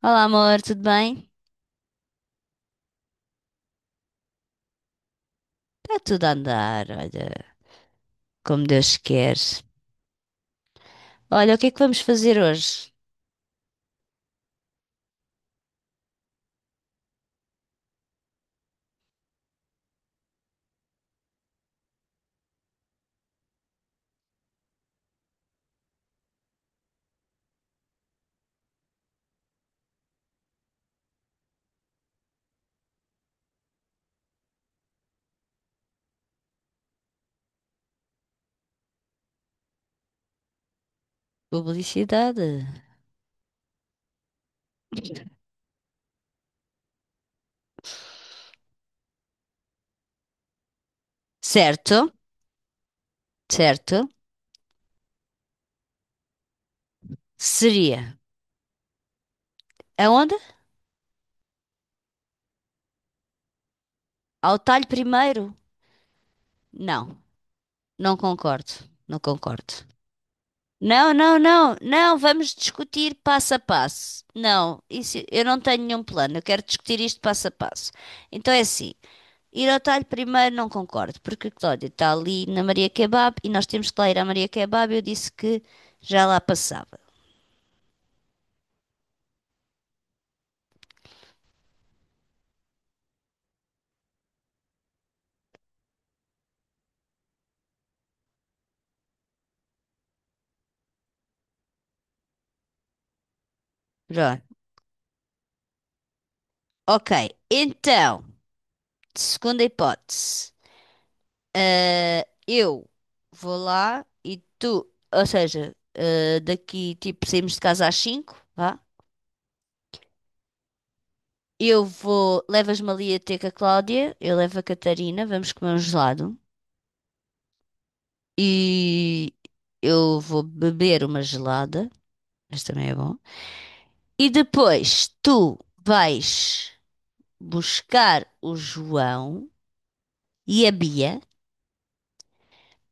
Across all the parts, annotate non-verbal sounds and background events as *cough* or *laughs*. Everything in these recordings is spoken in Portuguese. Olá, amor, tudo bem? Está tudo a andar, olha, como Deus quer. Olha, o que é que vamos fazer hoje? Publicidade. Certo, certo. Seria. Aonde? Ao talho primeiro? Não, não concordo, não concordo. Não, não, não, não, vamos discutir passo a passo. Não, isso, eu não tenho nenhum plano, eu quero discutir isto passo a passo. Então é assim. Ir ao talho primeiro não concordo, porque a Cláudia está ali na Maria Kebab e nós temos que lá ir à Maria Kebab. Eu disse que já lá passava. Pronto. Ok, então, segunda hipótese. Ah, eu vou lá e tu, ou seja, ah, daqui tipo saímos de casa às 5 vá. Eu vou, levas-me ali a ter com a Cláudia, eu levo a Catarina, vamos comer um gelado e eu vou beber uma gelada, mas também é bom. E depois tu vais buscar o João e a Bia,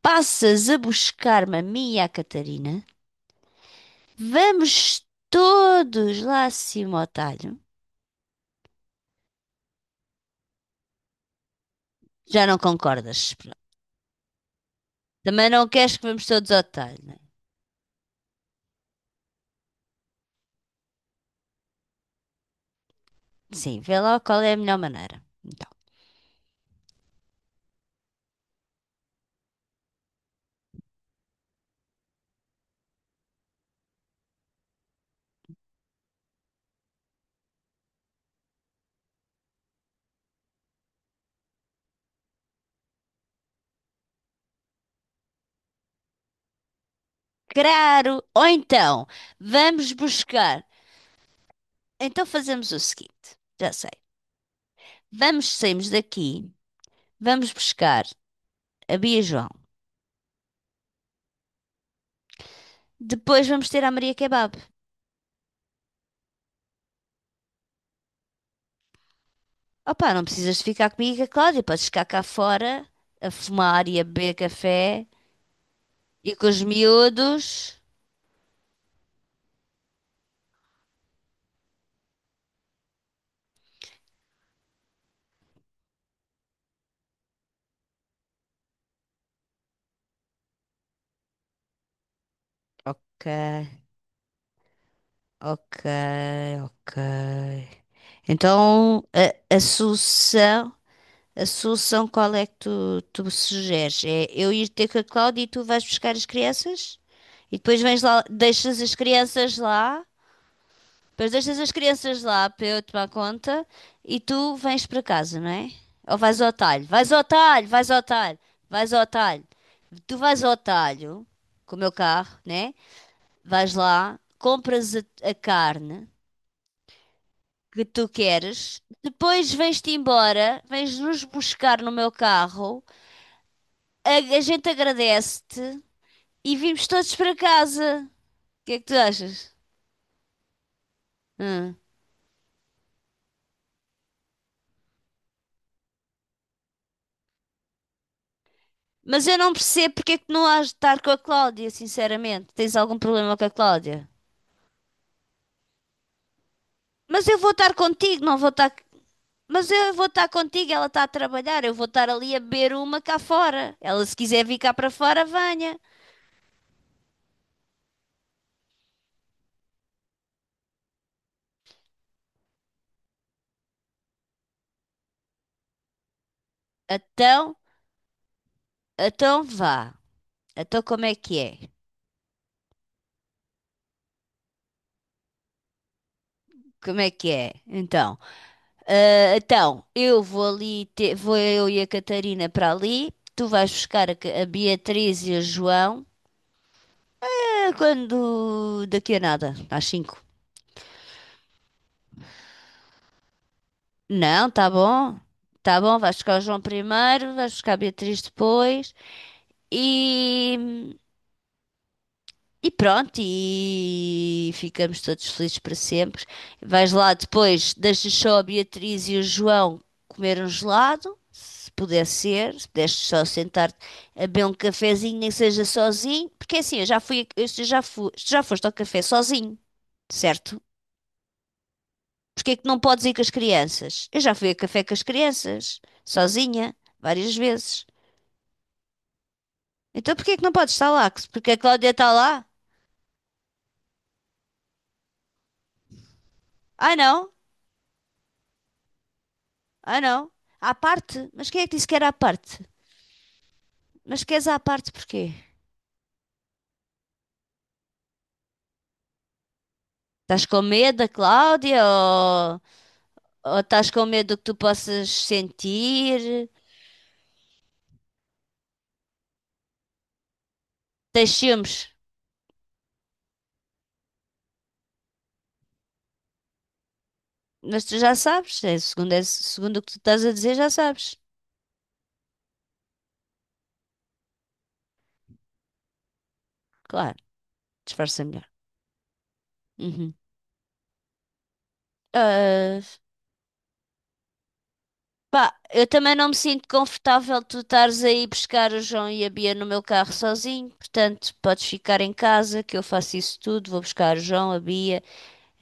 passas a buscar-me a mim e a Catarina, vamos todos lá acima ao talho. Já não concordas? Pronto. Também não queres que vamos todos ao talho, né? Sim, vê lá qual é a melhor maneira. Então, claro! Ou então, vamos buscar. Então fazemos o seguinte: já sei. Vamos, saímos daqui, vamos buscar a Bia João. Depois vamos ter a Maria Kebab. Opa, não precisas de ficar comigo, é claro. E com a Cláudia. Podes ficar cá fora a fumar e a beber café e com os miúdos. Ok, ok, ok. Então, a solução. A solução qual é que tu sugeres? É eu ir ter com a Cláudia e tu vais buscar as crianças? E depois vens lá, deixas as crianças lá, depois deixas as crianças lá para eu tomar conta e tu vens para casa, não é? Ou vais ao talho? Vais ao talho, vais ao talho, vais ao talho. Tu vais ao talho com o meu carro, né? Vais lá, compras a carne que tu queres, depois vens-te embora, vens nos buscar no meu carro a, a gente agradece-te e vimos todos para casa. O que é que tu achas? Hum. Mas eu não percebo porque é que não has de estar com a Cláudia, sinceramente. Tens algum problema com a Cláudia? Mas eu vou estar contigo, não vou estar. Mas eu vou estar contigo, ela está a trabalhar, eu vou estar ali a beber uma cá fora. Ela, se quiser vir cá para fora, venha. Então, então vá. Então, como é que é? Como é que é? Então. Ah, então, eu vou ali, vou eu e a Catarina para ali. Tu vais buscar a Beatriz e a João. Ah, quando daqui a nada, às cinco. Não, tá bom. Tá bom, vais buscar o João primeiro, vais buscar a Beatriz depois. E E pronto, e ficamos todos felizes para sempre. Vais lá depois, deixas só a Beatriz e o João comer um gelado, se puder ser, se puderes só sentar-te a beber um cafezinho, nem que seja sozinho, porque é assim, eu já fui, tu já foste ao café sozinho, certo? Porque é que não podes ir com as crianças? Eu já fui a café com as crianças, sozinha, várias vezes. Então porquê é que não podes estar lá? Porque a Cláudia está lá? Ah, não? Ah, não. À parte? Mas quem é que disse que era à parte? Mas queres à parte porquê? Estás com medo da Cláudia ou estás com medo do que tu possas sentir? Tens ciúmes? Mas tu já sabes, é, segundo o que tu estás a dizer, já sabes. Claro, disfarça melhor. Uhum. Ah, pá, eu também não me sinto confortável tu estares aí buscar o João e a Bia no meu carro sozinho, portanto, podes ficar em casa que eu faço isso tudo, vou buscar o João, a Bia.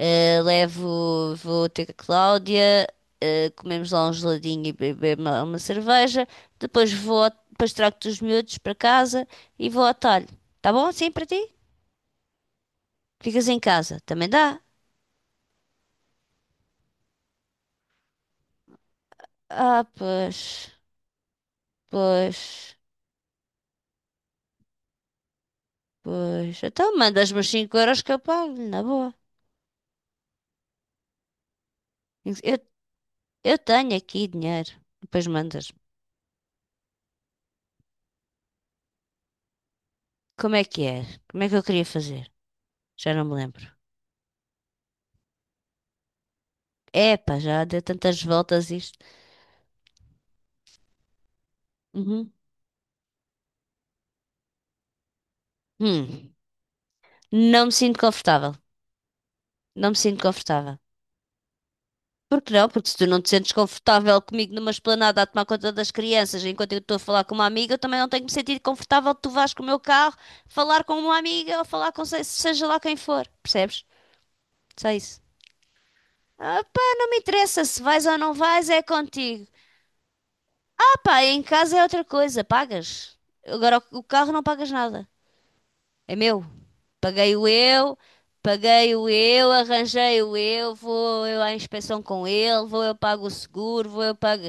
Eh, levo, vou ter com a Cláudia, eh, comemos lá um geladinho e bebemos lá uma cerveja. Depois trago-te os miúdos para casa e vou ao talho. Tá bom assim para ti? Ficas em casa, também dá? Ah, pois, pois, pois. Então mandas-me os 5 euros que eu pago, na boa. Eu, eu tenho aqui dinheiro. Depois mandas-me. Como é que é? Como é que eu queria fazer? Já não me lembro. Epá, já deu tantas voltas isto. Uhum. Hum. Não me sinto confortável. Não me sinto confortável. Por que não? Porque se tu não te sentes confortável comigo numa esplanada a tomar conta das crianças enquanto eu estou a falar com uma amiga, eu também não tenho que me sentir confortável que tu vás com o meu carro falar com uma amiga ou falar com seja lá quem for. Percebes? Só isso. Ah pá, não me interessa se vais ou não vais, é contigo. Ah pá, em casa é outra coisa, pagas. Agora o carro não pagas nada. É meu. Paguei-o eu, paguei-o eu, arranjei-o eu, vou eu à inspeção com ele, vou eu pago o seguro, vou eu pago,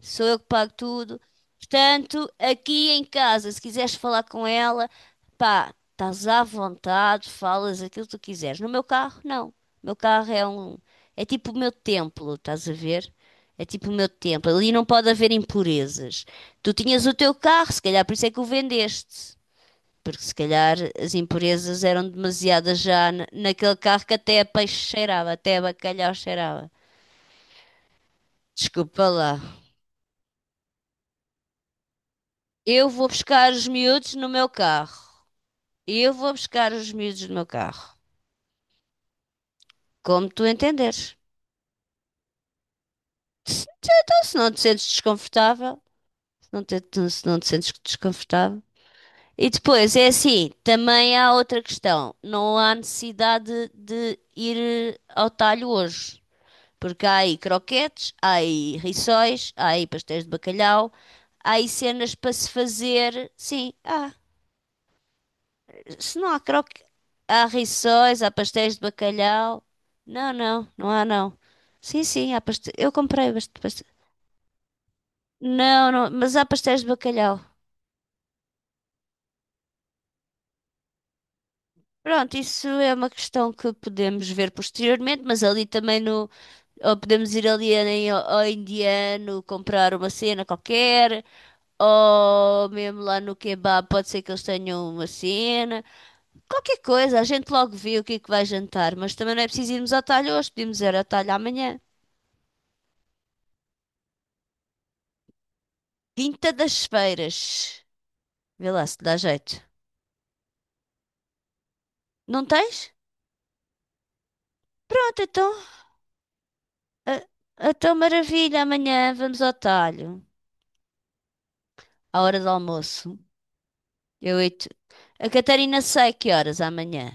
sou eu que pago tudo. Portanto, aqui em casa, se quiseres falar com ela, pá, estás à vontade, falas aquilo que tu quiseres. No meu carro, não. O meu carro é tipo o meu templo, estás a ver? É tipo o meu templo. Ali não pode haver impurezas. Tu tinhas o teu carro, se calhar por isso é que o vendeste. Porque se calhar as impurezas eram demasiadas já naquele carro que até a peixe cheirava, até a bacalhau cheirava. Desculpa lá. Eu vou buscar os miúdos no meu carro. Eu vou buscar os miúdos no meu carro. Como tu entenderes. Então, se não te sentes desconfortável, se não te, se não te sentes desconfortável. E depois, é assim, também há outra questão. Não há necessidade de ir ao talho hoje. Porque há aí croquetes, há aí rissóis, há aí pastéis de bacalhau, há aí cenas para se fazer. Sim, há. Se não há croque... Há rissóis, há pastéis de bacalhau. Não, não, não há não. Sim, sim, há pastéis. Eu comprei bastante pastéis. Não, não, mas há pastéis de bacalhau. Pronto, isso é uma questão que podemos ver posteriormente, mas ali também no, ou podemos ir ali ao indiano comprar uma cena qualquer, ou mesmo lá no kebab, pode ser que eles tenham uma cena. Qualquer coisa, a gente logo vê o que é que vai jantar. Mas também não é preciso irmos ao talho hoje, podemos ir ao talho amanhã. Quinta das Feiras. Vê lá se te dá jeito. Não tens? Pronto, então. A, tua maravilha, amanhã vamos ao talho. À hora do almoço. Eu e tu. A Catarina sai que horas amanhã?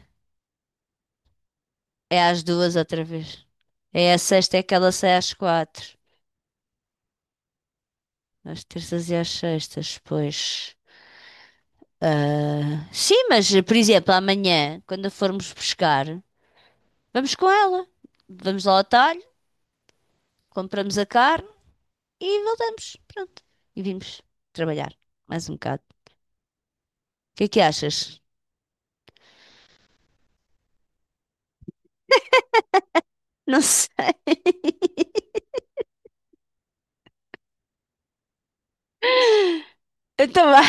É às duas outra vez. É a sexta, é que ela sai às quatro. Às terças e às sextas, pois. Ah, sim, mas por exemplo, amanhã, quando a formos pescar, vamos com ela. Vamos lá ao atalho, compramos a carne e voltamos. Pronto. E vimos trabalhar mais um bocado. O que é que achas? Não sei. *laughs* Então vá.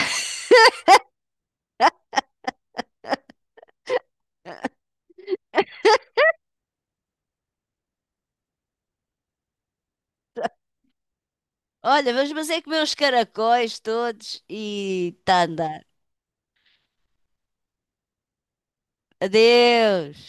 Olha, vamos mas é comer os caracóis todos e tá a andar. Adeus.